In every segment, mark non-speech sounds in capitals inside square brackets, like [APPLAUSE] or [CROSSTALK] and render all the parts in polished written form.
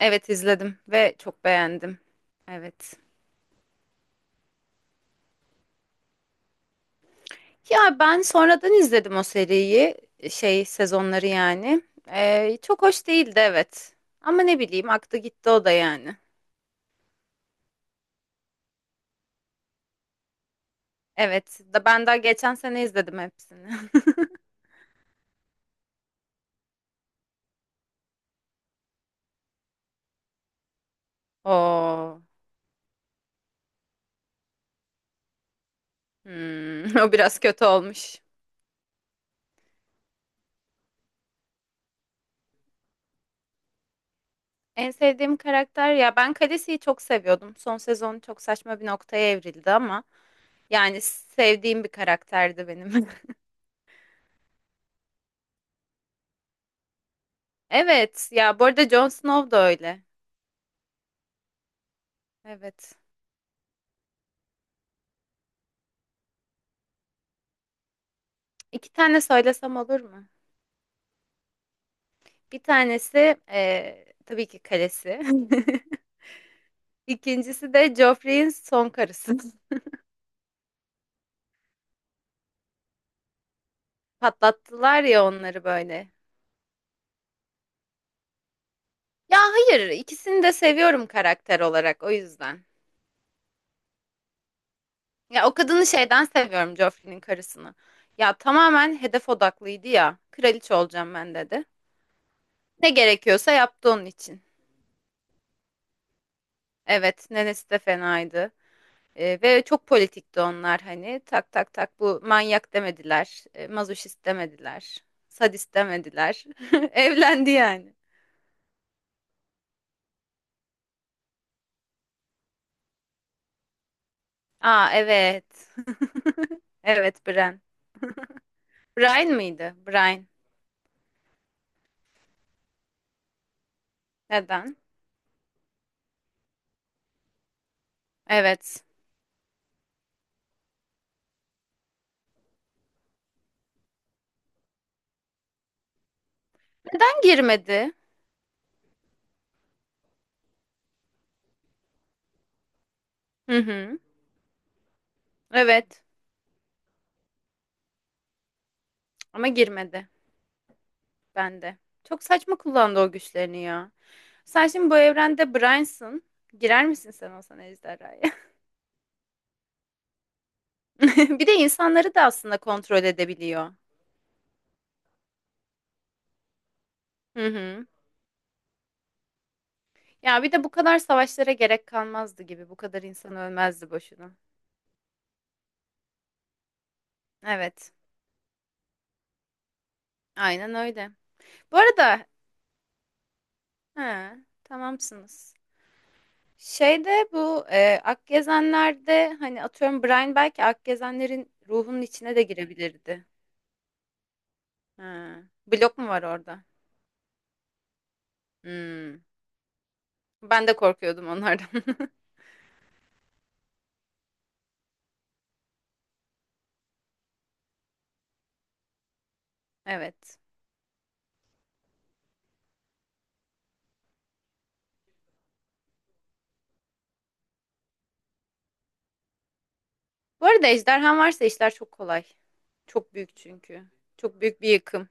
Evet izledim ve çok beğendim. Evet. Ya ben sonradan izledim o seriyi, sezonları yani. Çok hoş değildi evet. Ama ne bileyim aktı gitti o da yani. Evet, da ben daha geçen sene izledim hepsini. [LAUGHS] Oo, hmm, [LAUGHS] o biraz kötü olmuş. En sevdiğim karakter ya ben Khaleesi'yi çok seviyordum. Son sezon çok saçma bir noktaya evrildi ama yani sevdiğim bir karakterdi benim. [LAUGHS] Evet, ya bu arada Jon Snow da öyle. Evet. İki tane söylesem olur mu? Bir tanesi tabii ki kalesi. [LAUGHS] İkincisi de Joffrey'in son karısı. [LAUGHS] Patlattılar ya onları böyle. Ya hayır, ikisini de seviyorum karakter olarak o yüzden. Ya o kadını şeyden seviyorum Joffrey'nin karısını. Ya tamamen hedef odaklıydı ya. Kraliçe olacağım ben dedi. Ne gerekiyorsa yaptı onun için. Evet, nenesi de fenaydı. Ve çok politikti onlar hani tak tak tak bu manyak demediler, mazoşist demediler, sadist demediler. [LAUGHS] Evlendi yani. Aa evet. [LAUGHS] Evet Brian. Brian mıydı? Brian. Neden? Evet. Ben girmedi. Hı hı. Evet. Ama girmedi bende. Çok saçma kullandı o güçlerini ya. Sen şimdi bu evrende Brian'sın. Girer misin sen olsan ejderhaya? [LAUGHS] Bir de insanları da aslında kontrol edebiliyor. Hı hı. Ya bir de bu kadar savaşlara gerek kalmazdı gibi. Bu kadar insan ölmezdi boşuna. Evet. Aynen öyle. Bu arada he, tamamsınız. Şeyde bu Akgezenler'de hani atıyorum Brian belki Akgezenlerin ruhunun içine de girebilirdi. He. Blok mu var orada? Hmm. Ben de korkuyordum onlardan. [LAUGHS] Evet. Bu arada ejderhan varsa işler çok kolay. Çok büyük çünkü. Çok büyük bir yıkım.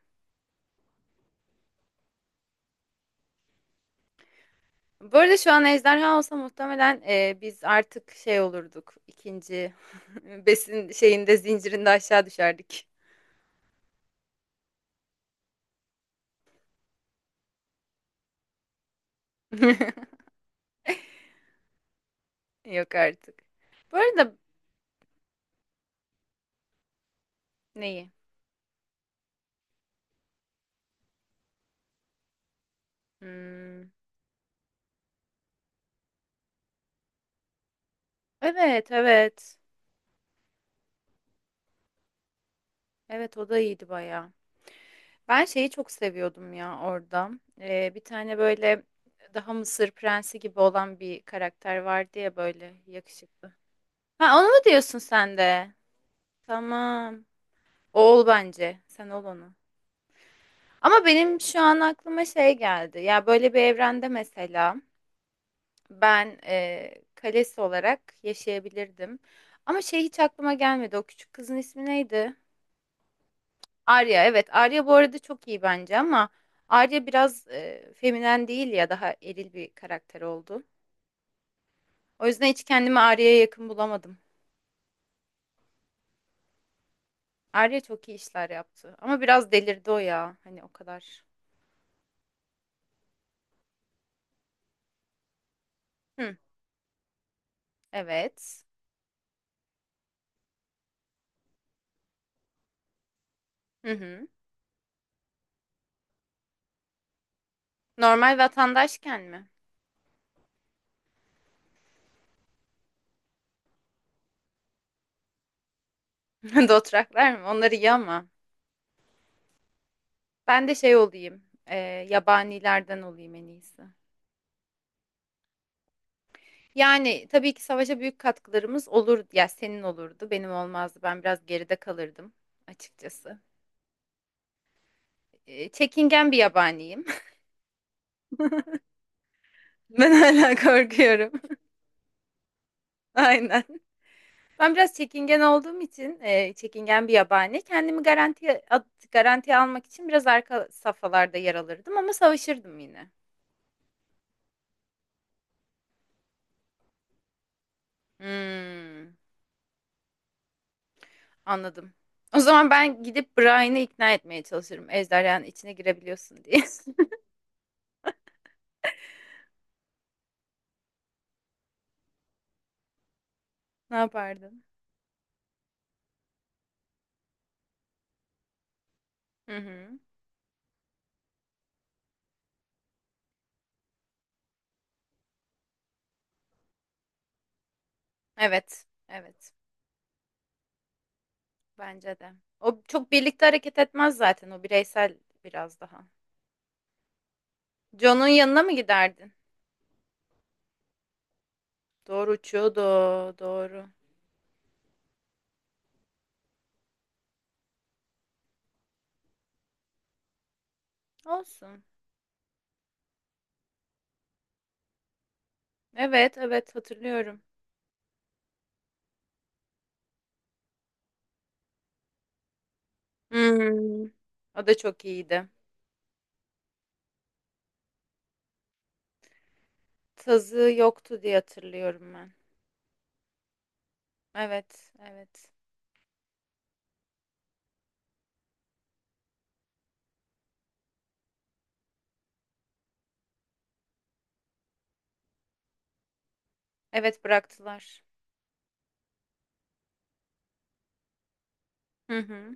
Bu arada şu an ejderha olsa muhtemelen biz artık şey olurduk. İkinci [LAUGHS] besin şeyinde zincirinde aşağı düşerdik. [LAUGHS] Yok artık. Bu arada neyi? Hmm, evet, evet. Evet o da iyiydi bayağı. Ben şeyi çok seviyordum ya orada. Bir tane böyle daha Mısır prensi gibi olan bir karakter vardı ya böyle yakışıklı. Ha onu mu diyorsun sen de? Tamam. O ol bence. Sen ol onu. Ama benim şu an aklıma şey geldi. Ya böyle bir evrende mesela ben kalesi olarak yaşayabilirdim. Ama şey hiç aklıma gelmedi. O küçük kızın ismi neydi? Arya. Evet, Arya bu arada çok iyi bence ama Arya biraz feminen değil ya daha eril bir karakter oldu. O yüzden hiç kendimi Arya'ya yakın bulamadım. Arya çok iyi işler yaptı. Ama biraz delirdi o ya. Hani o kadar. Hı, evet. Hı hı. Normal vatandaşken mi? [LAUGHS] Dothraklar mı? Onlar iyi ama. Ben de şey olayım, yabanilerden olayım en iyisi. Yani tabii ki savaşa büyük katkılarımız olurdu. Ya senin olurdu, benim olmazdı. Ben biraz geride kalırdım açıkçası. Çekingen bir yabaniyim. [LAUGHS] Ben hala korkuyorum. [LAUGHS] Aynen. Ben biraz çekingen olduğum için, çekingen bir yabani. Kendimi garantiye garantiye almak için biraz arka safhalarda yer alırdım ama savaşırdım yine. Hmm. Anladım. O zaman ben gidip Brian'ı ikna etmeye çalışırım. Ejderhanın içine girebiliyorsun diye. [LAUGHS] Ne yapardın? Hı hı. Evet. Evet. Bence de. O çok birlikte hareket etmez zaten. O bireysel biraz daha. John'un yanına mı giderdin? Doğru uçuyordu. Doğru. Olsun. Evet. Evet. Hatırlıyorum. Hmm. O da çok iyiydi. Tazı yoktu diye hatırlıyorum ben. Evet. Evet. Evet bıraktılar. Hı hı.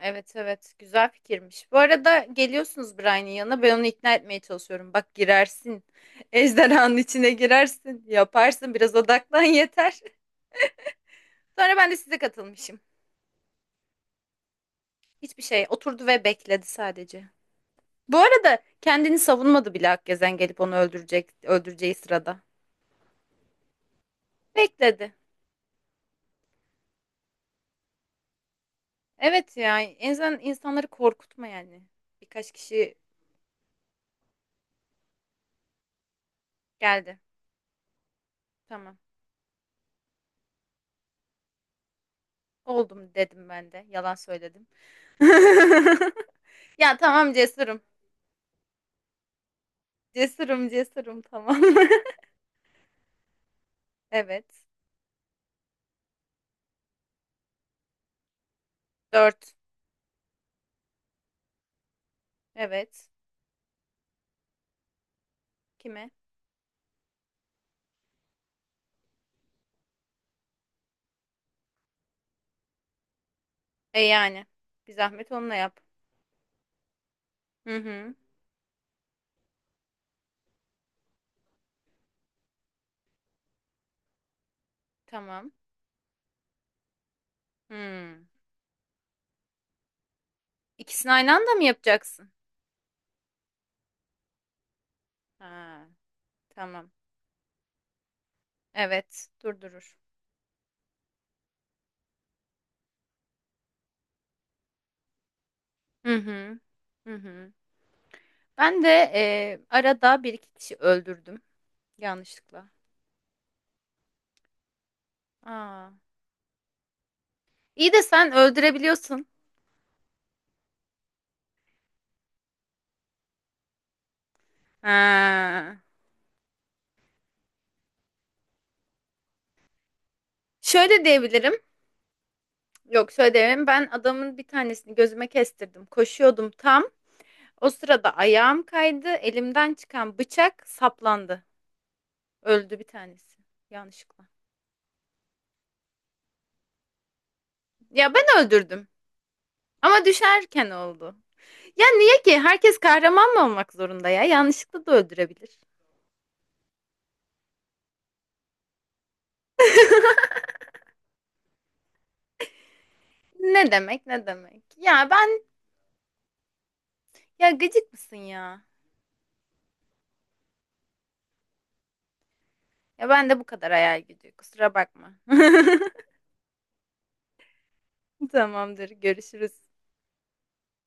Evet evet güzel fikirmiş. Bu arada geliyorsunuz Brian'in yanına ben onu ikna etmeye çalışıyorum. Bak girersin [LAUGHS] ejderhanın içine girersin yaparsın biraz odaklan yeter. [LAUGHS] Sonra ben de size katılmışım. Hiçbir şey oturdu ve bekledi sadece. Bu arada kendini savunmadı bile Akgezen gelip onu öldürecek öldüreceği sırada. Bekledi. Evet ya en azından insanları korkutma yani. Birkaç kişi geldi. Tamam oldum dedim ben de yalan söyledim. [LAUGHS] Ya tamam cesurum. Cesurum cesurum tamam. [LAUGHS] Evet. Dört. Evet. Kime? E yani. Bir zahmet onunla yap. Hı hı. Tamam. Hmm. İkisini aynı anda mı yapacaksın? Ha, tamam. Evet. Durdurur. Hı hı. Hı hı. Ben de arada bir iki kişi öldürdüm. Yanlışlıkla. Aa. İyi de sen öldürebiliyorsun. Ha. Şöyle diyebilirim. Yok şöyle diyemem. Ben adamın bir tanesini gözüme kestirdim. Koşuyordum tam. O sırada ayağım kaydı. Elimden çıkan bıçak saplandı. Öldü bir tanesi. Yanlışlıkla. Ya ben öldürdüm. Ama düşerken oldu. Ya niye ki? Herkes kahraman mı olmak zorunda ya? Yanlışlıkla da öldürebilir. Ne demek ne demek? Ya ben ya gıcık mısın ya? Ya ben de bu kadar hayal gücü. Kusura bakma. [LAUGHS] Tamamdır. Görüşürüz.